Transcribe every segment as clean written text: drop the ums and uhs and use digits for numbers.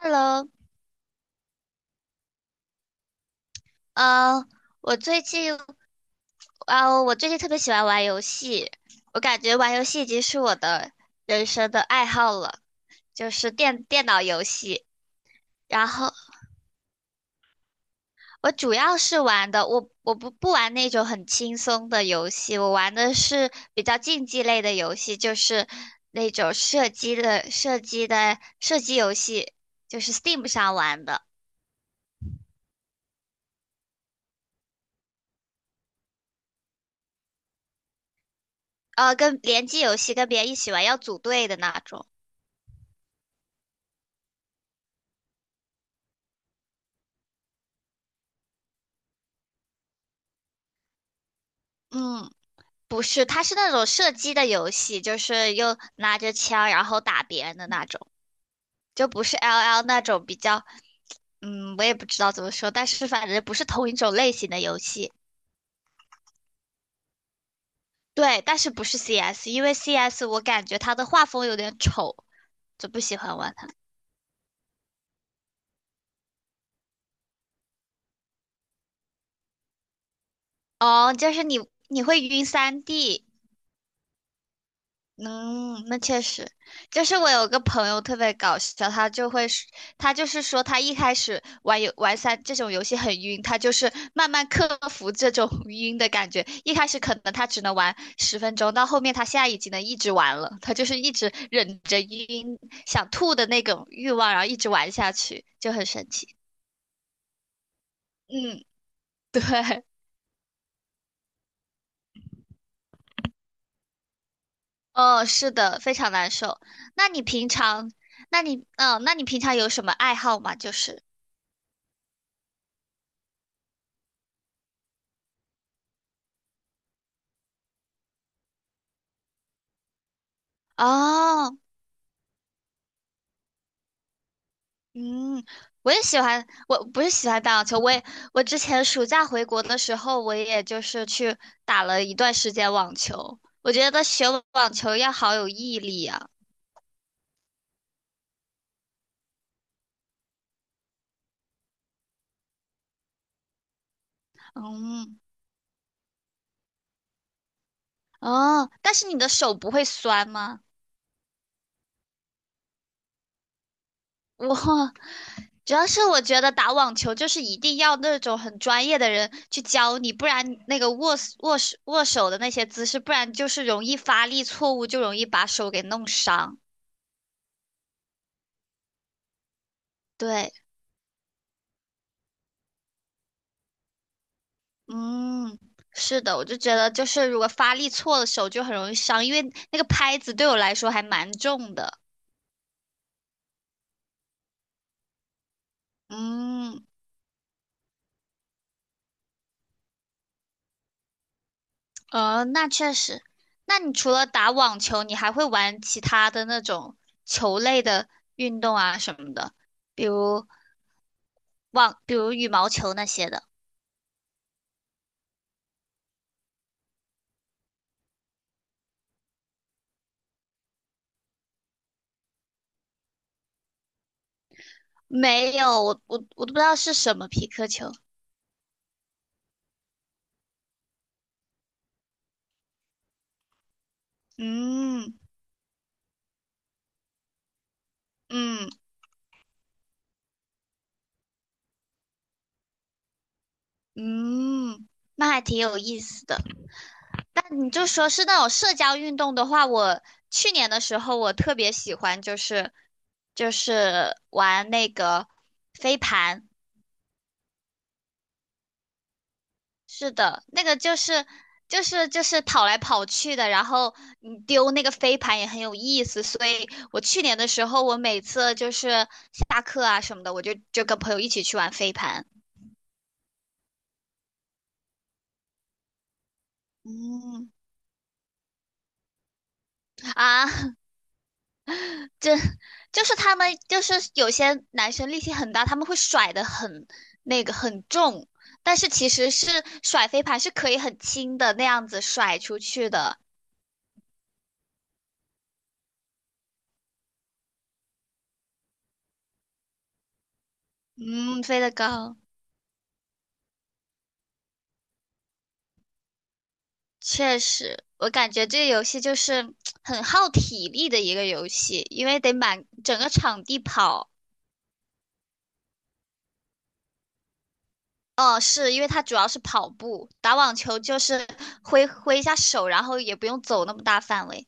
Hello，呃，我最近我最近特别喜欢玩游戏，我感觉玩游戏已经是我的人生的爱好了，就是电脑游戏。然后我主要是玩的，我不玩那种很轻松的游戏，我玩的是比较竞技类的游戏，就是那种射击游戏，就是 Steam 上玩的。跟联机游戏跟别人一起玩要组队的那种。嗯。不是，它是那种射击的游戏，就是又拿着枪然后打别人的那种，就不是 LL 那种比较，嗯，我也不知道怎么说，但是反正不是同一种类型的游戏。对，但是不是 CS,因为 CS 我感觉它的画风有点丑，就不喜欢玩它。哦，就是你会晕三 D,嗯，那确实，就是我有个朋友特别搞笑，他就是说他一开始玩三这种游戏很晕，他就是慢慢克服这种 晕的感觉。一开始可能他只能玩10分钟，到后面他现在已经能一直玩了，他就是一直忍着晕想吐的那种欲望，然后一直玩下去，就很神奇。嗯，对，哦，是的，非常难受。那你平常，那你，嗯，那你平常有什么爱好吗？就是。哦，嗯，我也喜欢，我不是喜欢打网球，我也我之前暑假回国的时候，我也就是去打了一段时间网球。我觉得学网球要好有毅力啊。嗯，哦，但是你的手不会酸吗？我主要是我觉得打网球就是一定要那种很专业的人去教你，不然那个握手的那些姿势，不然就是容易发力错误，就容易把手给弄伤。对。嗯，是的，我就觉得就是如果发力错了，手就很容易伤，因为那个拍子对我来说还蛮重的。嗯，呃，那确实。那你除了打网球，你还会玩其他的那种球类的运动啊什么的，比如比如羽毛球那些的。没有，我都不知道是什么皮克球。嗯嗯嗯，那还挺有意思的。那你就说是那种社交运动的话，我去年的时候我特别喜欢，就是玩那个飞盘。是的，那个就是跑来跑去的，然后你丢那个飞盘也很有意思。所以我去年的时候，我每次就是下课啊什么的，我就跟朋友一起去玩飞盘。嗯啊，这就是他们，就是有些男生力气很大，他们会甩的很那个很重，但是其实是甩飞盘是可以很轻的那样子甩出去的，嗯，飞得高，确实，我感觉这个游戏就是很耗体力的一个游戏，因为得满整个场地跑。哦，是因为它主要是跑步，打网球就是挥一下手，然后也不用走那么大范围。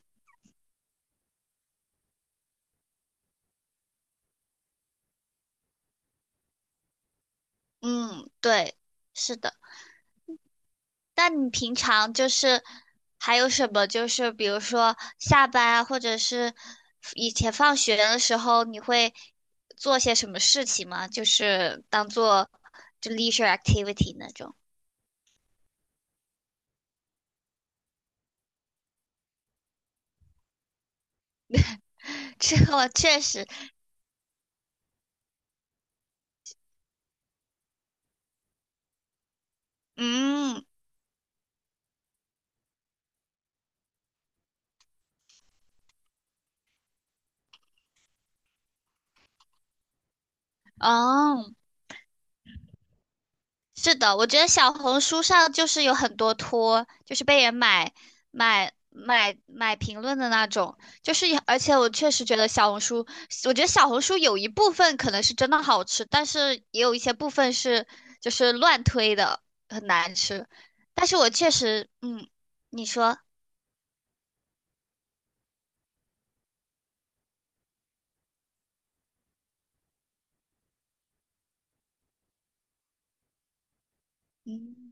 嗯，对，是的。那你平常就是还有什么？就是比如说下班啊，或者是以前放学的时候，你会做些什么事情吗？就是当做就 leisure activity 那种。这个我确实，嗯，哦。是的，我觉得小红书上就是有很多托，就是被人买买评论的那种，就是也而且我确实觉得小红书，我觉得小红书有一部分可能是真的好吃，但是也有一些部分是就是乱推的，很难吃。但是我确实，嗯，你说，嗯。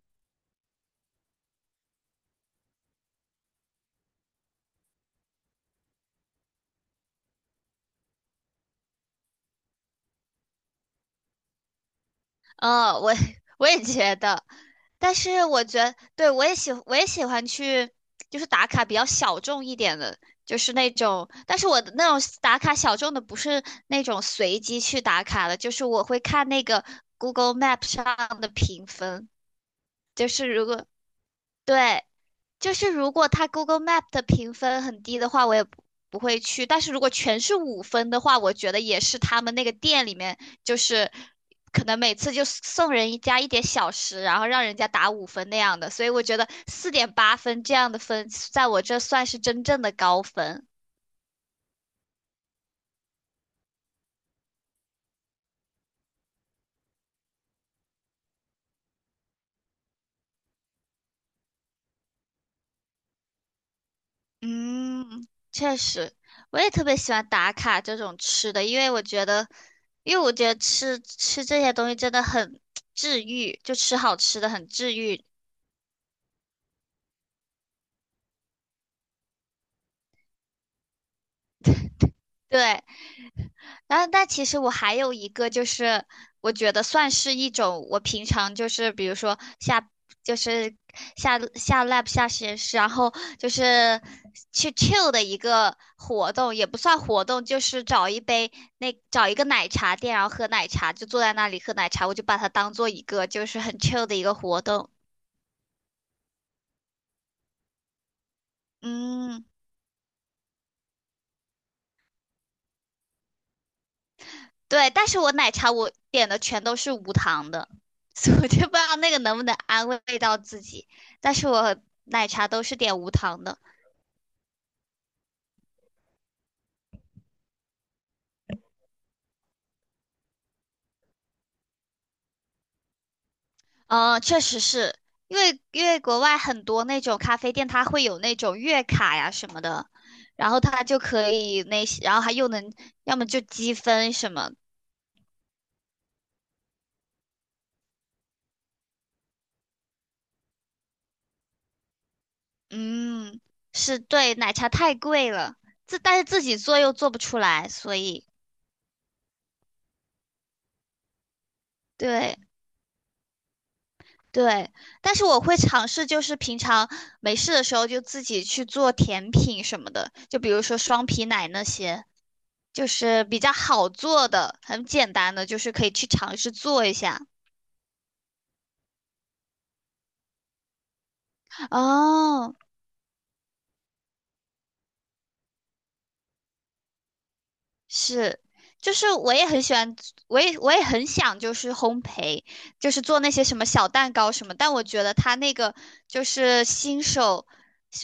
嗯，我 我也觉得，但是我觉得，对，我也喜欢去，就是打卡比较小众一点的，就是那种，但是我的那种打卡小众的不是那种随机去打卡的，就是我会看那个 Google Map 上的评分，就是如果对，就是如果它 Google Map 的评分很低的话，我也不不会去。但是如果全是五分的话，我觉得也是他们那个店里面，就是可能每次就送人一家一点小食，然后让人家打五分那样的。所以我觉得4.8分这样的分，在我这算是真正的高分。嗯，确实，我也特别喜欢打卡这种吃的，因为我觉得吃这些东西真的很治愈，就吃好吃的很治愈。对，然后，但其实我还有一个，就是我觉得算是一种我平常就是比如说就是下 lab 下实验室，然后就是去 chill 的一个活动，也不算活动，就是找一个奶茶店，然后喝奶茶，就坐在那里喝奶茶，我就把它当做一个就是很 chill 的一个活动。嗯。对，但是我奶茶我点的全都是无糖的，所以我就不知道那个能不能安慰到自己。但是我奶茶都是点无糖的，嗯，确实是因为国外很多那种咖啡店，它会有那种月卡呀什么的，然后它就可以那些，然后还又能要么就积分什么，嗯，是对，奶茶太贵了，但是自己做又做不出来，所以对。对，但是我会尝试，就是平常没事的时候就自己去做甜品什么的，就比如说双皮奶那些，就是比较好做的、很简单的，就是可以去尝试做一下。哦，是，就是我也很喜欢，我也很想就是烘焙，就是做那些什么小蛋糕什么，但我觉得他那个就是新手，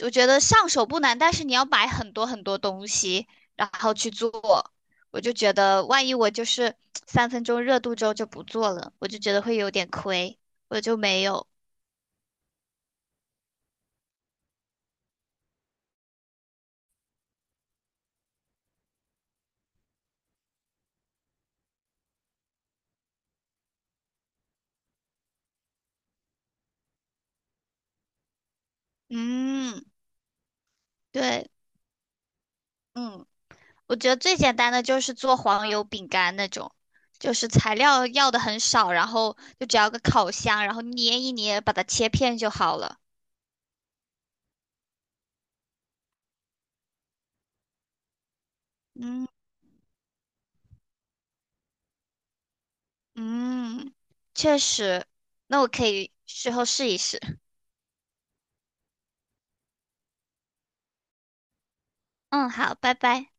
我觉得上手不难，但是你要买很多很多东西，然后去做，我就觉得万一我就是3分钟热度之后就不做了，我就觉得会有点亏，我就没有，嗯，对，嗯。我觉得最简单的就是做黄油饼干那种，就是材料要的很少，然后就只要个烤箱，然后捏一捏，把它切片就好了。嗯嗯，确实，那我可以事后试一试。嗯，好，拜拜。